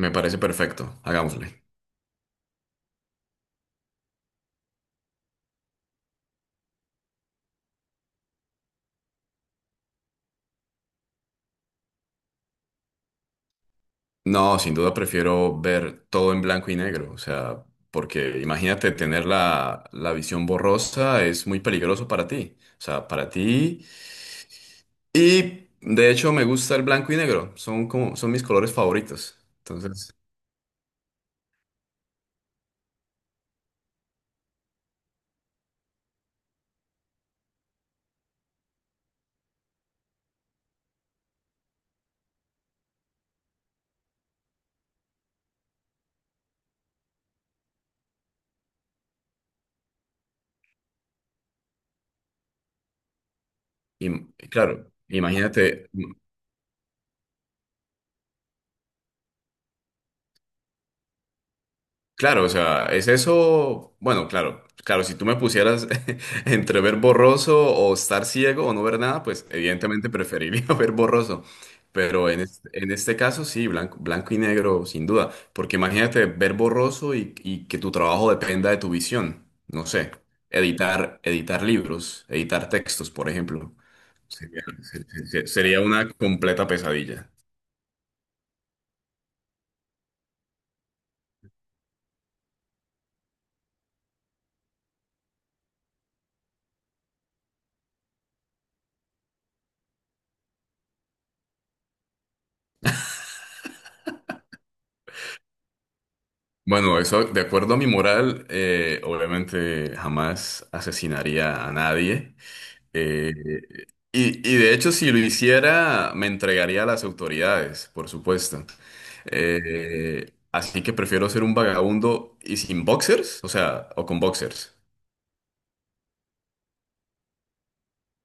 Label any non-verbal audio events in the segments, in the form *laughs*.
Me parece perfecto, hagámosle. No, sin duda prefiero ver todo en blanco y negro, o sea, porque imagínate tener la visión borrosa es muy peligroso para ti, o sea, para ti. Y de hecho me gusta el blanco y negro, son como, son mis colores favoritos. Entonces, claro, imagínate. Claro, o sea, es eso, bueno, claro, claro, si tú me pusieras *laughs* entre ver borroso o estar ciego o no ver nada, pues evidentemente preferiría *laughs* ver borroso, pero en este caso sí, blanco, blanco y negro, sin duda, porque imagínate ver borroso y que tu trabajo dependa de tu visión, no sé, editar libros, editar textos, por ejemplo, sería, se- se- se- sería una completa pesadilla. Bueno, eso, de acuerdo a mi moral, obviamente jamás asesinaría a nadie. Eh, y de hecho, si lo hiciera, me entregaría a las autoridades, por supuesto. Así que prefiero ser un vagabundo y sin boxers, o sea, o con boxers.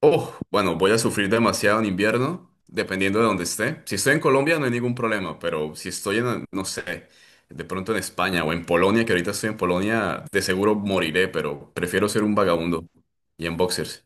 Oh, bueno, voy a sufrir demasiado en invierno, dependiendo de dónde esté. Si estoy en Colombia no hay ningún problema, pero si estoy en, no sé, de pronto en España o en Polonia, que ahorita estoy en Polonia, de seguro moriré, pero prefiero ser un vagabundo y en boxers.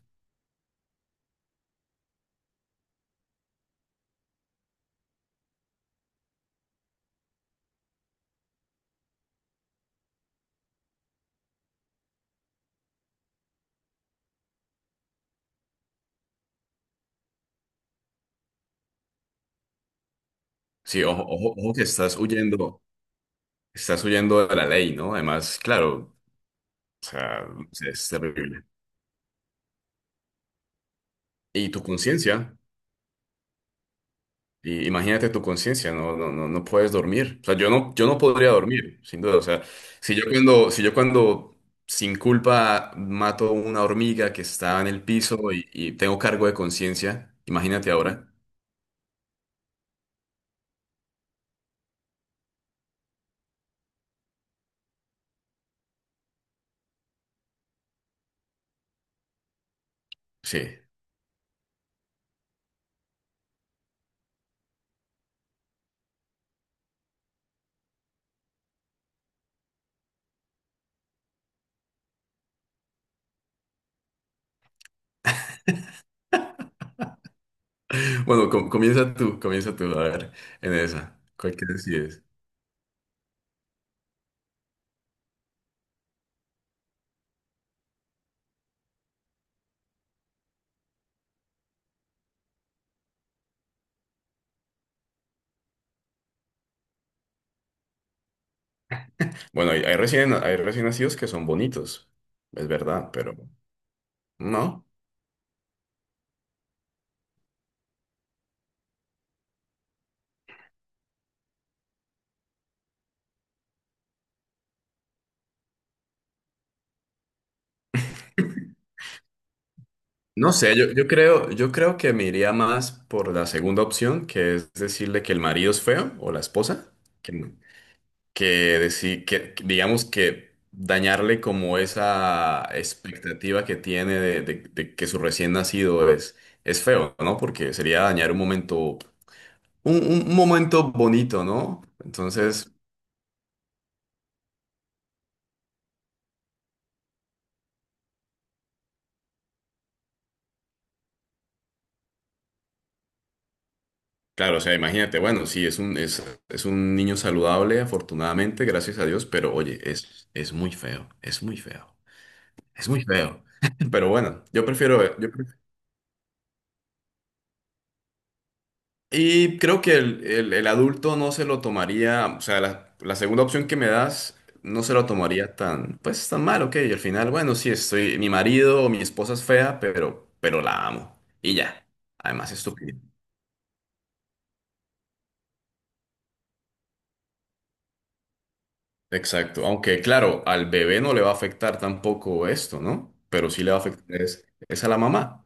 Sí, ojo, ojo, ojo que estás huyendo de la ley, ¿no? Además, claro, o sea, es terrible. ¿Y tu conciencia? Y imagínate tu conciencia, no, no, no, no puedes dormir. O sea, yo no podría dormir, sin duda. O sea, si yo cuando sin culpa mato una hormiga que está en el piso y tengo cargo de conciencia, imagínate ahora. Sí. *laughs* Bueno, comienza tú, a ver, en esa. ¿Cuál que decides? Bueno, hay recién nacidos que son bonitos, es verdad, pero no. No sé, yo creo que me iría más por la segunda opción, que es decirle que el marido es feo o la esposa, que, que que digamos que dañarle como esa expectativa que tiene de que su recién nacido es feo, ¿no? Porque sería dañar un momento, un momento bonito, ¿no? Entonces, claro, o sea, imagínate, bueno, sí, es un niño saludable, afortunadamente, gracias a Dios, pero oye, es muy feo, es muy feo. Es muy feo. *laughs* Pero bueno, yo prefiero. Y creo que el adulto no se lo tomaría, o sea, la segunda opción que me das no se lo tomaría tan, pues tan mal, ok. Y al final, bueno, sí, estoy, mi marido o mi esposa es fea, pero la amo. Y ya. Además, estúpido. Exacto. Aunque, claro, al bebé no le va a afectar tampoco esto, ¿no? Pero sí le va a afectar es a la mamá.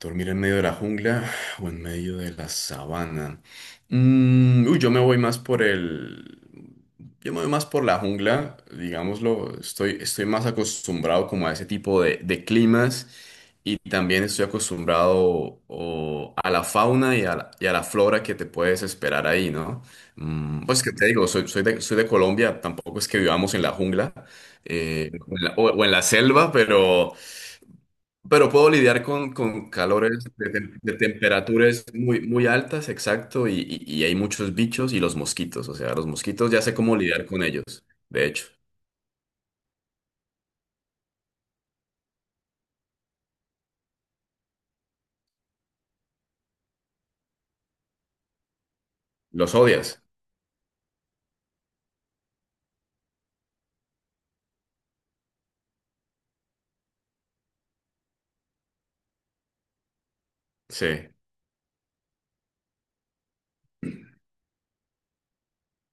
Dormir en medio de la jungla *sighs* o en medio de la sabana. Uy, yo me voy más por el. Yo me voy más por la jungla, digámoslo. Estoy más acostumbrado como a ese tipo de climas y también estoy acostumbrado a la, fauna y a la flora que te puedes esperar ahí, ¿no? Pues que te digo, soy de Colombia, tampoco es que vivamos en la jungla o en la selva, pero. Pero puedo lidiar con calores de temperaturas muy, muy altas, exacto, y hay muchos bichos y los mosquitos, o sea, los mosquitos ya sé cómo lidiar con ellos, de hecho. ¿Los odias? Sí.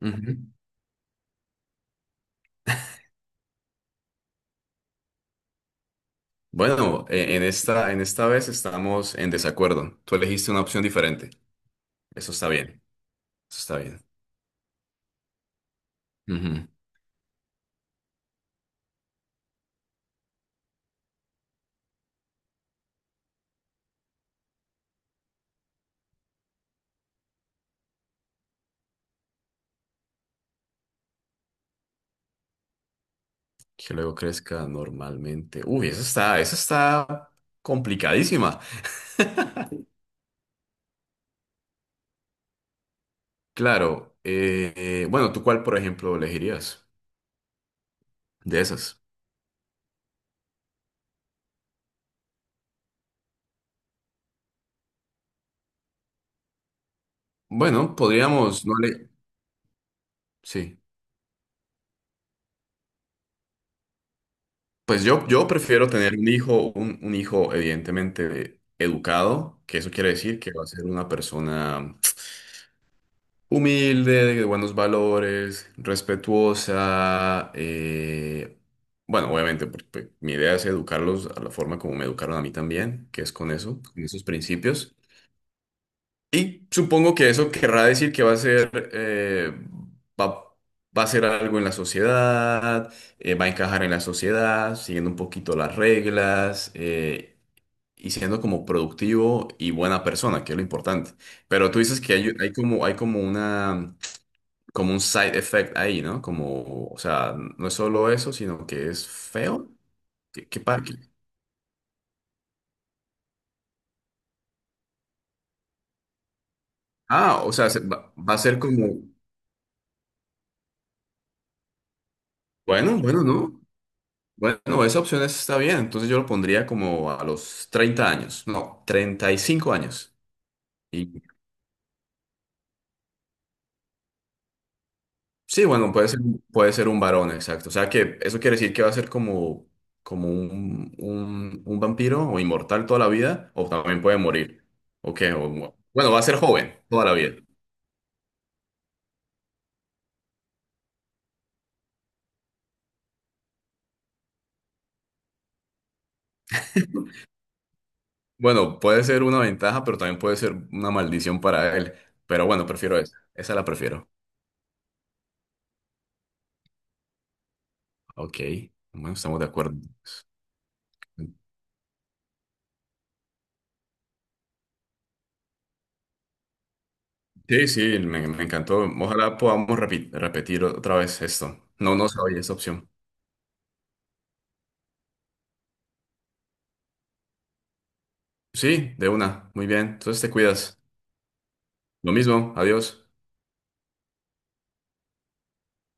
Ujú. Bueno, en esta vez estamos en desacuerdo. Tú elegiste una opción diferente. Eso está bien, eso está bien. Ujú. Que luego crezca normalmente. Uy, eso está complicadísima. Claro, bueno, ¿tú cuál, por ejemplo, elegirías de esas? Bueno, podríamos, no le. Sí. Pues yo prefiero tener un hijo, un hijo evidentemente educado, que eso quiere decir que va a ser una persona humilde, de buenos valores, respetuosa. Bueno, obviamente, porque mi idea es educarlos a la forma como me educaron a mí también, que es con eso, con esos principios. Y supongo que eso querrá decir que va a ser, va, va a ser algo en la sociedad, va a encajar en la sociedad, siguiendo un poquito las reglas, y siendo como productivo y buena persona, que es lo importante. Pero tú dices que hay como un side effect ahí, ¿no? Como, o sea, no es solo eso, sino que es feo. ¿Qué? Ah, o sea, va a ser como, bueno, bueno, ¿no? Bueno, esa opción está bien, entonces yo lo pondría como a los 30 años, no, 35 años. Y sí, bueno, puede ser un varón, exacto. O sea que eso quiere decir que va a ser como, como un vampiro o inmortal toda la vida, o también puede morir. Ok, bueno, va a ser joven toda la vida. Bueno, puede ser una ventaja, pero también puede ser una maldición para él. Pero bueno, prefiero esa, esa la prefiero. Ok, bueno, estamos de acuerdo. Sí, sí, me encantó. Ojalá podamos repetir otra vez esto. No, no se oye esa opción. Sí, de una. Muy bien. Entonces te cuidas. Lo mismo. Adiós.